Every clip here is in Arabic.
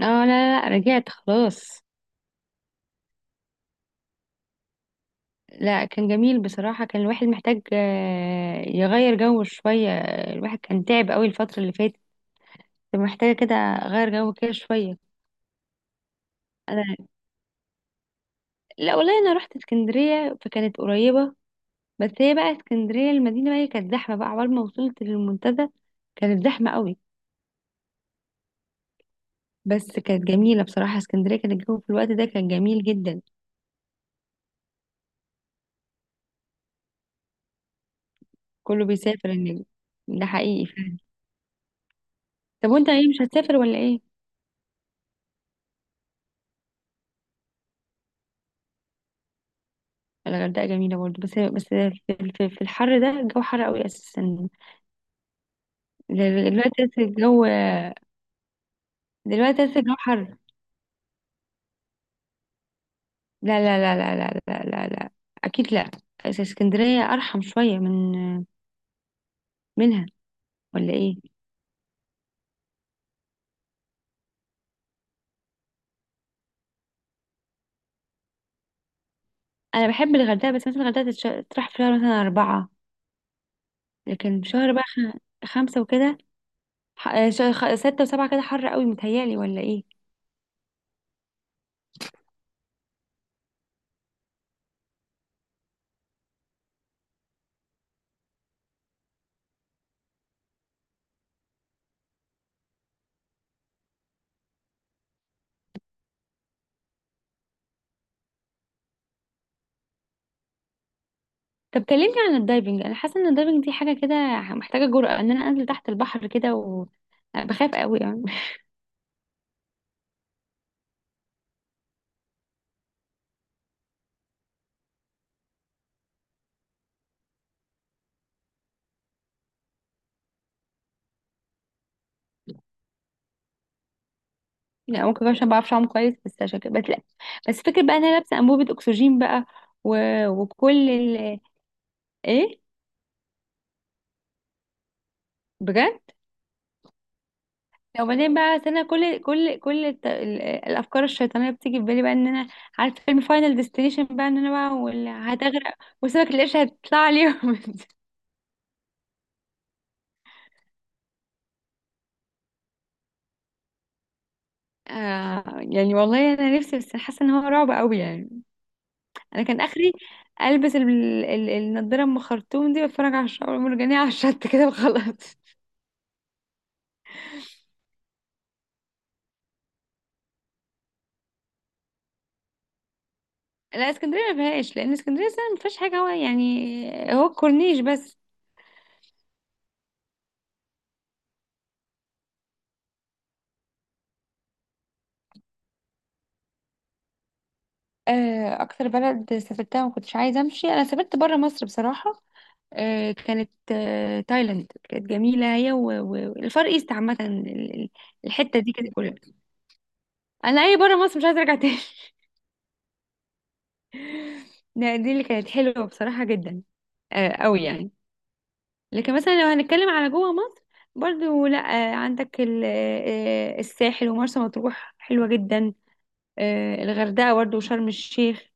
اه، لا لا لا، رجعت خلاص. لا، كان جميل بصراحة. كان الواحد محتاج يغير جو شوية. الواحد كان تعب قوي الفترة اللي فاتت. محتاجة كده أغير جو كده شوية. أنا لا والله، أنا رحت اسكندرية فكانت قريبة. بس هي بقى اسكندرية المدينة بقى، هي كانت زحمة بقى عقبال ما وصلت للمنتزه. كانت زحمة قوي. بس كانت جميلة بصراحة، اسكندرية كان الجو في الوقت ده كان جميل جدا. كله بيسافر النجم، ده حقيقي فعلا. طب وانت ايه، مش هتسافر ولا ايه؟ الغردقة جميلة برضو، بس بس في الحر ده الجو حر قوي أساسا. دلوقتي أساسا الجو، دلوقتي أساسا الجو حر. لا لا لا لا لا لا لا, لا. أكيد لا. اسكندرية أرحم شوية من منها، ولا إيه؟ أنا بحب الغردقة، بس مثلا الغردقة تروح في شهر مثلا أربعة، لكن في شهر بقى خمسة وكده. ستة وسبعة كده حر قوي متهيألي، ولا إيه؟ طب كلمني عن الدايفنج. أنا حاسة إن الدايفنج دي حاجة كده محتاجة جرأة، إن أنا أنزل تحت البحر كده و... بخاف قوي. لا، ممكن بقى عشان ما بعرفش اعوم كويس، بس عشان كده بس. لا، بس فكرة بقى ان انا لابسه انبوبه اكسجين بقى و... وكل ال... ايه؟ بجد؟ وبعدين بقى، أصل انا كل الافكار الشيطانيه بتيجي في بالي بقى، ان انا عارفه فيلم فاينل ديستنيشن بقى، ان انا بقى هتغرق، وسمك القرش هتطلع عليهم آه، يعني والله انا نفسي، بس حاسه ان هو رعب قوي يعني. انا كان اخري البس النضاره ام خرطوم دي، واتفرج على الشعب المرجانيه على الشط كده وخلاص. لا، اسكندريه ما فيهاش، لان اسكندريه اصلا ما فيهاش حاجه، هو يعني هو الكورنيش بس. اكتر بلد سافرتها وما كنتش عايزه امشي، انا سافرت بره مصر بصراحه. كانت تايلاند كانت جميله، هي والفار ايست عامه. ال- الحته دي كانت كلها، انا اي بره مصر مش عايزه ارجع تاني دي اللي كانت حلوه بصراحه، جدا قوي يعني. لكن مثلا لو هنتكلم على جوه مصر، برضو لا، عندك الساحل ومرسى مطروح حلوه جدا. الغردقة برضه وشرم الشيخ.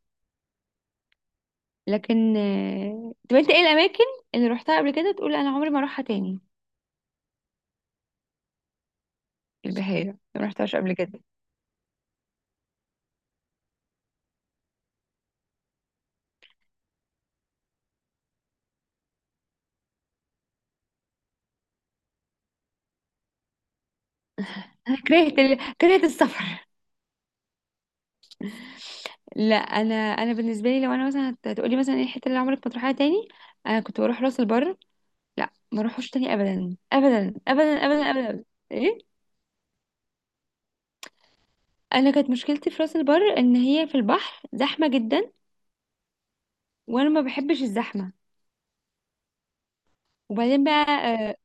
لكن طب انت ايه الأماكن اللي روحتها قبل كده تقول أنا عمري ما أروحها تاني؟ البحيرة ما روحتهاش قبل كده. أنا كرهت كرهت السفر لا أنا، أنا بالنسبة لي لو أنا مثلا هتقولي مثلا ايه الحتة اللي عمرك ما تروحها تاني، أنا كنت بروح راس البر. لا ما اروحوش تاني أبدا أبدا أبدا أبدا أبدا, أبداً. ايه، أنا كانت مشكلتي في راس البر إن هي في البحر زحمة جدا، وأنا ما بحبش الزحمة، وبعدين بقى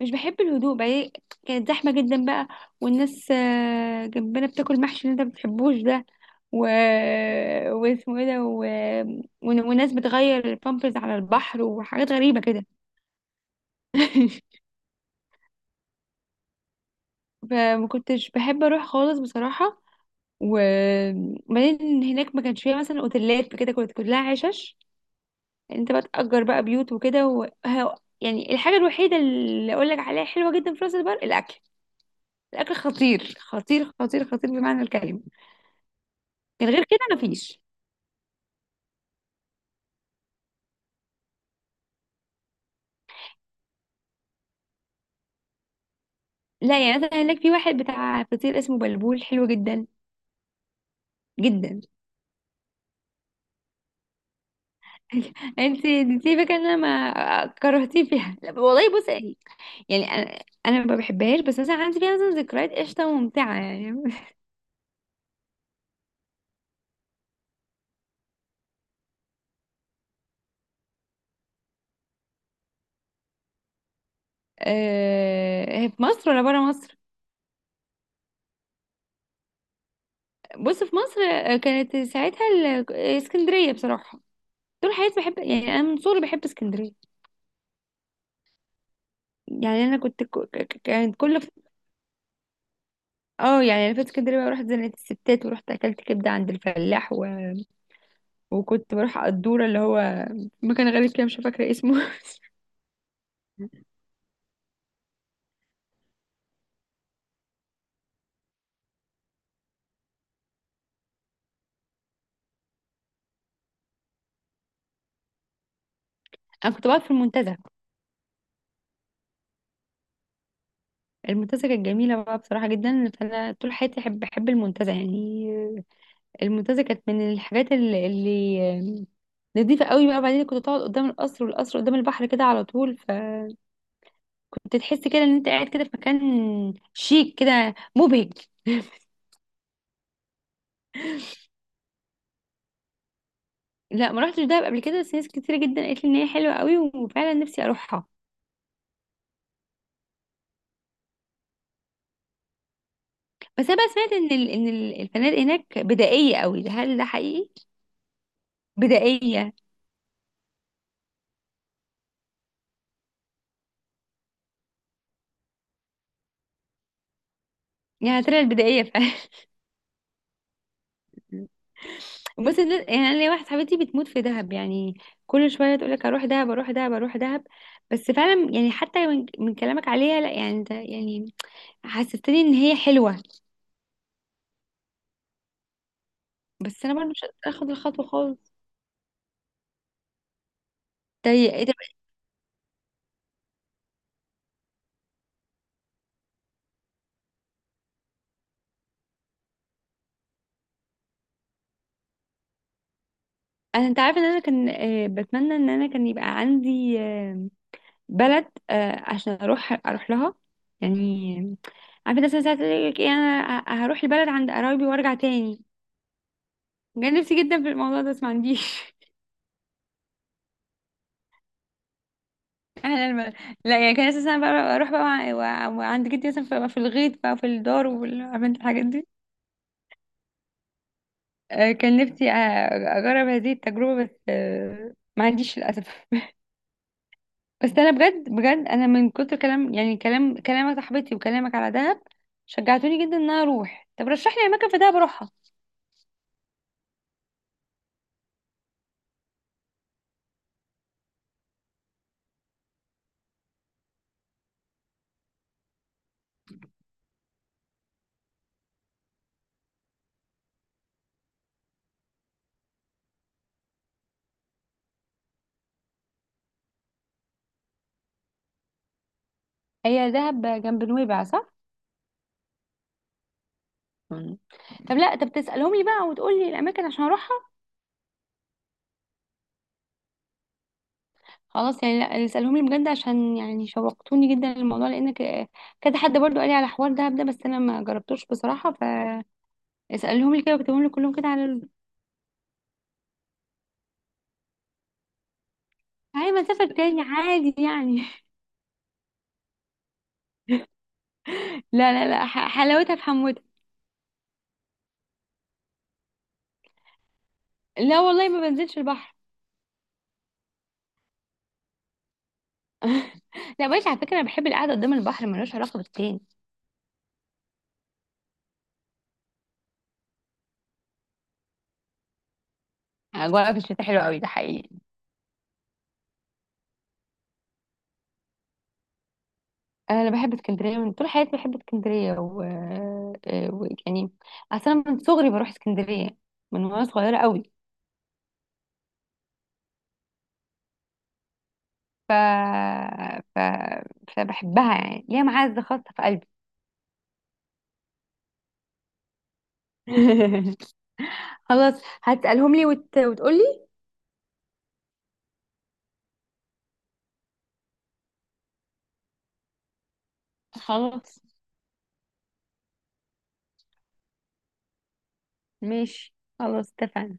مش بحب الهدوء بقى إيه، كانت زحمة جدا بقى. والناس جنبنا بتاكل محشي اللي انت بتحبوش ده و... واسمه ايه ده و... وناس بتغير البامبرز على البحر وحاجات غريبة كده فما كنتش بحب اروح خالص بصراحة. وبعدين هناك ما كانش فيها مثلا اوتيلات كده، كانت كلها عشش. انت بقى تأجر بقى بيوت وكده و... يعني الحاجة الوحيدة اللي اقول لك عليها حلوة جدا في راس البر الاكل. الاكل خطير خطير خطير خطير بمعنى الكلمة. من غير كده مفيش. لا يعني مثلا هناك في واحد بتاع فطير اسمه بلبول، حلو جدا جدا انت سيبك، انا ما كرهتيه فيها، لا والله بص يعني، انا ما بحبهاش، بس مثلا عندي فيها مثلا ذكريات قشطه وممتعه يعني هي في مصر ولا بره مصر؟ بص، في مصر كانت ساعتها اسكندريه بصراحه، طول حياتي بحب، يعني انا من صغري بحب اسكندريه. يعني انا كنت كانت اه، يعني انا في اسكندريه بقى رحت زنقه الستات، ورحت اكلت كبده عند الفلاح. وكنت بروح على الدورة، اللي هو مكان غريب كده مش فاكرة اسمه انا كنت بقعد في المنتزه، المنتزه كانت جميله بقى بصراحه جدا، فانا طول حياتي احب المنتزه يعني. المنتزه كانت من الحاجات اللي نضيفه قوي بقى. بعدين كنت تقعد قدام القصر، والقصر قدام البحر كده على طول، فكنت تحس كده ان انت قاعد كده في مكان شيك كده، مبهج. لا ما رحتش دهب قبل كده، بس ناس كتير جدا قالت لي ان هي حلوه قوي، وفعلا نفسي اروحها. بس انا بقى سمعت ان الفنادق هناك بدائيه قوي، هل ده حقيقي؟ بدائية. يعني طلعت بدائية فعلا؟ بص الناس- يعني انا ليا واحده صاحبتي بتموت في دهب يعني، كل شويه تقول لك اروح دهب اروح دهب اروح دهب. بس فعلا يعني، حتى من كلامك عليها، لا يعني، ده يعني حسستني ان هي حلوه. بس انا برضه مش قادرة اخد الخطوه خالص. طيب إيه ده؟ انا انت عارفه ان انا كان بتمنى ان انا كان يبقى عندي بلد عشان اروح لها يعني، عارفه الناس ساعات تقول لك ايه، انا هروح البلد عند قرايبي وارجع تاني. كان نفسي جدا في الموضوع ده، بس ما عنديش انا لما، لا يعني كان اساسا بقى اروح بقى وعند جدي مثلا في في الغيط بقى في الدار، وعملت الحاجات دي. كان نفسي اجرب هذه التجربه، بس ما عنديش للاسف بس انا بجد بجد، انا من كتر كلام يعني كلام صاحبتي وكلامك على دهب، شجعتوني جدا ان انا اروح. طب رشح لي اماكن في دهب اروحها. هي دهب جنب نويبع صح؟ مم. طب لا طب تسالهم لي بقى وتقول لي الاماكن عشان اروحها. خلاص يعني، لا اسألهم لي بجد، عشان يعني شوقتوني جدا للموضوع، لان كذا حد برضو قال لي على حوار دهب ده، بس انا ما جربتوش بصراحة. فاسألهم لي كده، واكتبهم لي كلهم كده على هاي مسافة تاني عادي يعني. لا لا لا، حلاوتها في حموتها. لا والله، ما بنزلش البحر. لا ماشي، على فكرة انا بحب القعدة قدام البحر، ملوش علاقة بالتاني. اجواء في الشتاء حلوة قوي، ده حقيقي. انا بحب اسكندرية من طول حياتي، بحب اسكندرية و... يعني اصلا من صغري بروح اسكندرية، من وانا صغيرة قوي. ف... ف... فبحبها يعني، ليها معزة خاصة في قلبي. خلاص، هتسألهم لي وتقولي. خلاص ماشي، خلاص اتفقنا.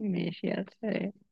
ماشي يلا سلام.